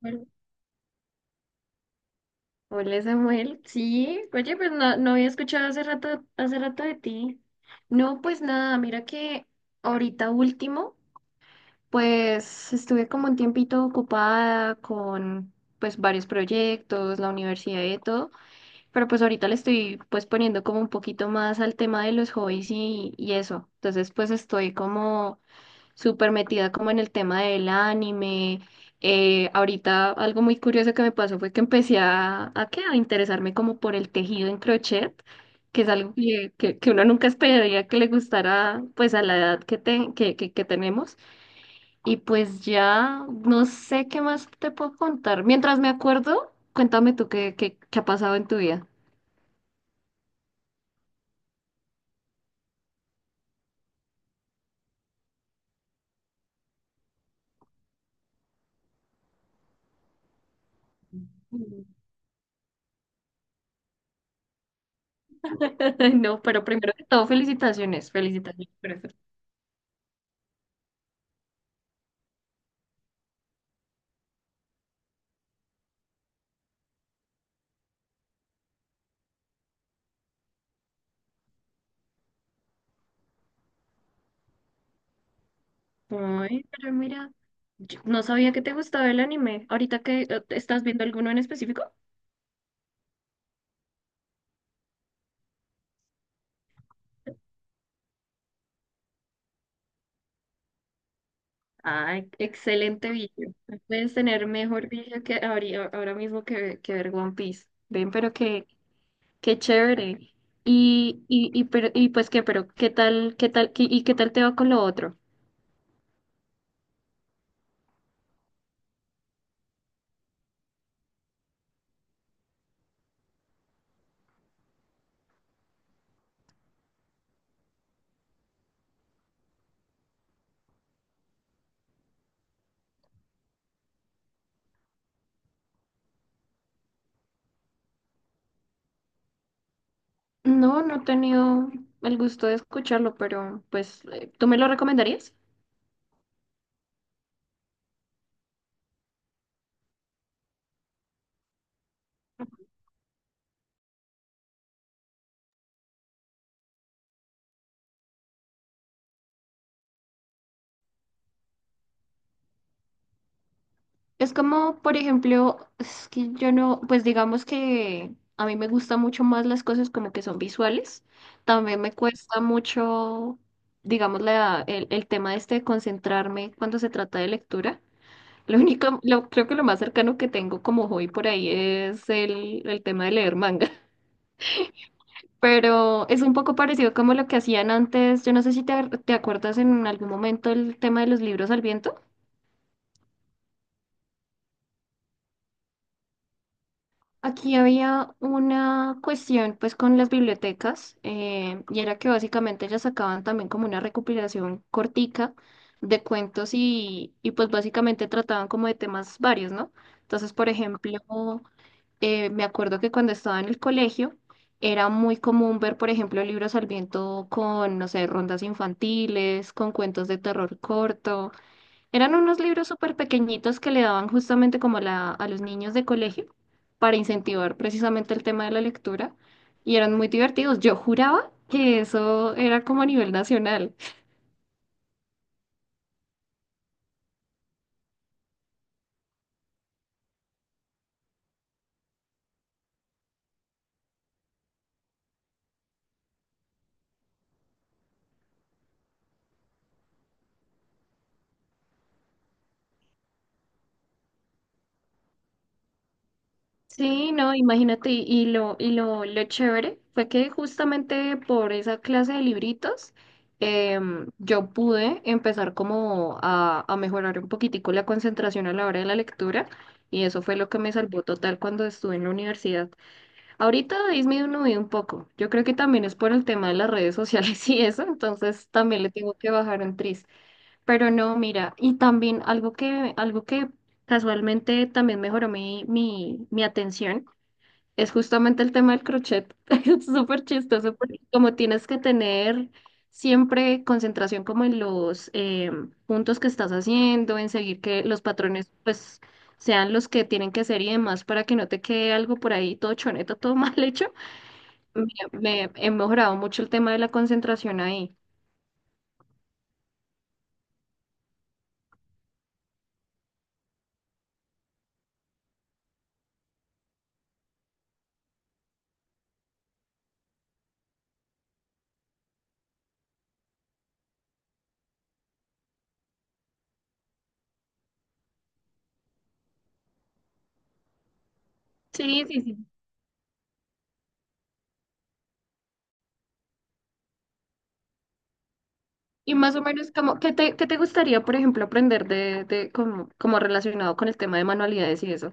Bueno. Hola Samuel, sí, oye, pues no había escuchado hace rato de ti. No, pues nada, mira que ahorita último, pues estuve como un tiempito ocupada con pues varios proyectos, la universidad y de todo, pero pues ahorita le estoy pues poniendo como un poquito más al tema de los hobbies y eso. Entonces pues estoy como súper metida como en el tema del anime. Ahorita algo muy curioso que me pasó fue que empecé a, ¿qué? A interesarme como por el tejido en crochet, que es algo que uno nunca esperaría que le gustara pues a la edad que, te- que tenemos. Y pues ya no sé qué más te puedo contar. Mientras me acuerdo, cuéntame tú qué ha pasado en tu vida. No, pero primero que todo, felicitaciones, felicitaciones. Ay, pero mira, yo no sabía que te gustaba el anime. Ahorita que estás viendo alguno en específico. Ay, excelente video. No puedes tener mejor video que ahora mismo que ver One Piece. Ven, pero qué, qué chévere. Y pues qué, pero qué tal, qué tal te va con lo otro. No, no he tenido el gusto de escucharlo, pero pues, ¿tú me lo recomendarías? Es como, por ejemplo, es que yo no, pues digamos que a mí me gustan mucho más las cosas como que son visuales. También me cuesta mucho, digamos, el tema este de concentrarme cuando se trata de lectura. Lo único, lo, creo que lo más cercano que tengo como hobby por ahí es el tema de leer manga. Pero es un poco parecido como lo que hacían antes. Yo no sé si te, te acuerdas en algún momento el tema de los libros al viento. Aquí había una cuestión pues con las bibliotecas y era que básicamente ellas sacaban también como una recopilación cortica de cuentos y pues básicamente trataban como de temas varios, ¿no? Entonces, por ejemplo, me acuerdo que cuando estaba en el colegio era muy común ver, por ejemplo, libros al viento con, no sé, rondas infantiles, con cuentos de terror corto. Eran unos libros súper pequeñitos que le daban justamente como la, a los niños de colegio para incentivar precisamente el tema de la lectura y eran muy divertidos. Yo juraba que eso era como a nivel nacional. Sí, no, imagínate, y lo chévere fue que justamente por esa clase de libritos yo pude empezar como a mejorar un poquitico la concentración a la hora de la lectura y eso fue lo que me salvó total cuando estuve en la universidad. Ahorita ha disminuido un poco. Yo creo que también es por el tema de las redes sociales y eso, entonces también le tengo que bajar un tris. Pero no, mira, y también algo que casualmente también mejoró mi atención es justamente el tema del crochet. Es súper chistoso porque como tienes que tener siempre concentración como en los puntos que estás haciendo, en seguir que los patrones pues sean los que tienen que ser y demás para que no te quede algo por ahí todo choneto, todo mal hecho. Me, He mejorado mucho el tema de la concentración ahí. Sí, sí, sí. Y más o menos, como, ¿qué te gustaría, por ejemplo, aprender de como, como relacionado con el tema de manualidades y eso?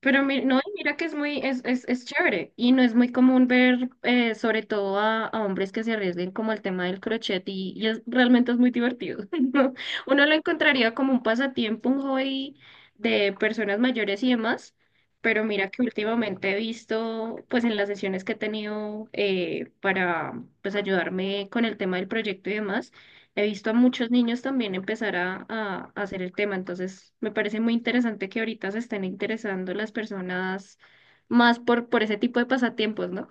Pero mi- no, y mira que es muy, es chévere y no es muy común ver sobre todo a hombres que se arriesguen como el tema del crochet y es, realmente es muy divertido. ¿No? Uno lo encontraría como un pasatiempo, un hobby de personas mayores y demás, pero mira que últimamente he visto pues en las sesiones que he tenido para pues ayudarme con el tema del proyecto y demás. He visto a muchos niños también empezar a hacer el tema, entonces me parece muy interesante que ahorita se estén interesando las personas más por ese tipo de pasatiempos, ¿no?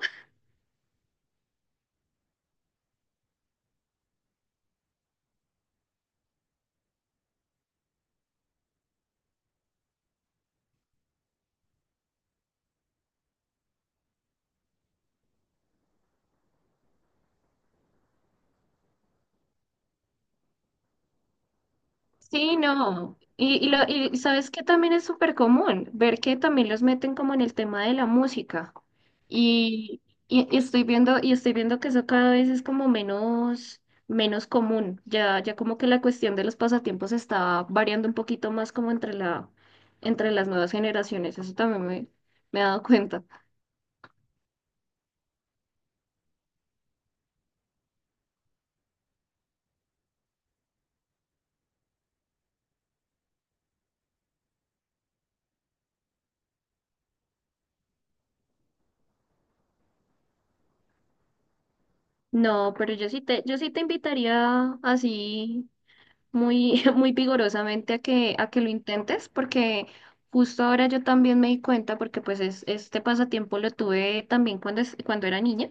Sí, no. Y sabes que también es súper común ver que también los meten como en el tema de la música. Y, y estoy viendo, y estoy viendo que eso cada vez es como menos común. Ya, ya como que la cuestión de los pasatiempos está variando un poquito más como entre la, entre las nuevas generaciones. Eso también me he dado cuenta. No, pero yo sí te invitaría así muy, muy vigorosamente a que lo intentes, porque justo ahora yo también me di cuenta, porque pues es, este pasatiempo lo tuve también cuando, cuando era niña,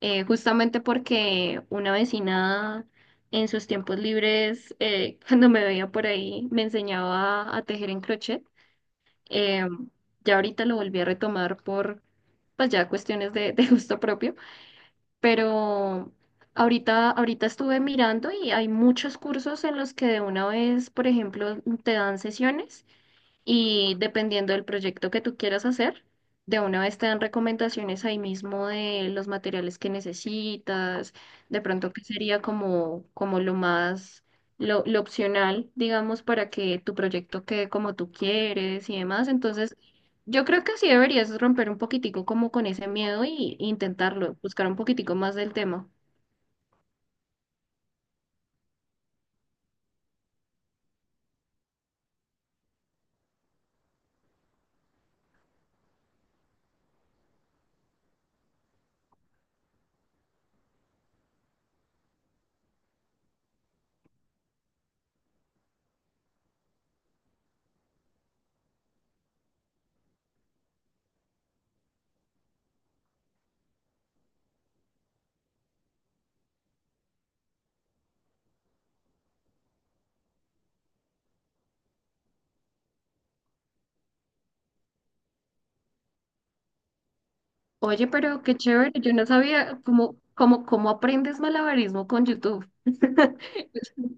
justamente porque una vecina en sus tiempos libres, cuando me veía por ahí, me enseñaba a tejer en crochet. Em, ya ahorita lo volví a retomar por, pues ya cuestiones de gusto propio pero ahorita, ahorita estuve mirando y hay muchos cursos en los que de una vez, por ejemplo, te dan sesiones. Y dependiendo del proyecto que tú quieras hacer, de una vez te dan recomendaciones ahí mismo de los materiales que necesitas, de pronto que sería como, como lo más, lo opcional, digamos, para que tu proyecto quede como tú quieres y demás. Entonces, yo creo que sí deberías romper un poquitico como con ese miedo y intentarlo, buscar un poquitico más del tema. Oye, pero qué chévere, yo no sabía cómo aprendes malabarismo con YouTube.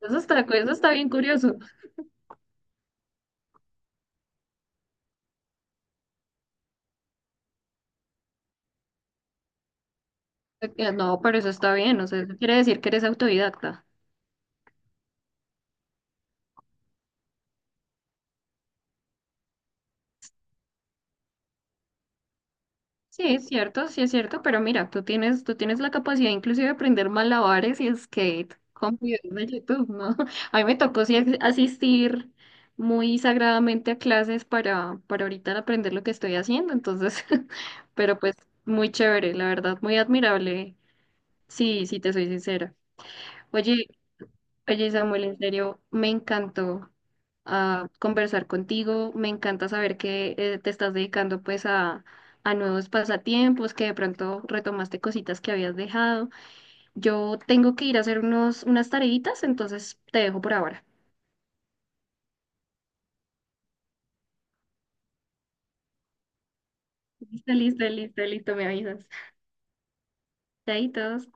Eso está, eso está bien curioso. No, pero eso está bien, o sea, eso quiere decir que eres autodidacta. Sí es cierto, pero mira, tú tienes la capacidad inclusive de aprender malabares y skate con videos de YouTube, ¿no? A mí me tocó sí asistir muy sagradamente a clases para ahorita aprender lo que estoy haciendo, entonces, pero pues muy chévere, la verdad, muy admirable, sí, sí te soy sincera. Oye, oye Samuel, en serio, me encantó a conversar contigo. Me encanta saber que te estás dedicando pues a nuevos pasatiempos, que de pronto retomaste cositas que habías dejado. Yo tengo que ir a hacer unos, unas tareitas, entonces te dejo por ahora. Listo, listo, listo, listo, me avisas. Chaitos.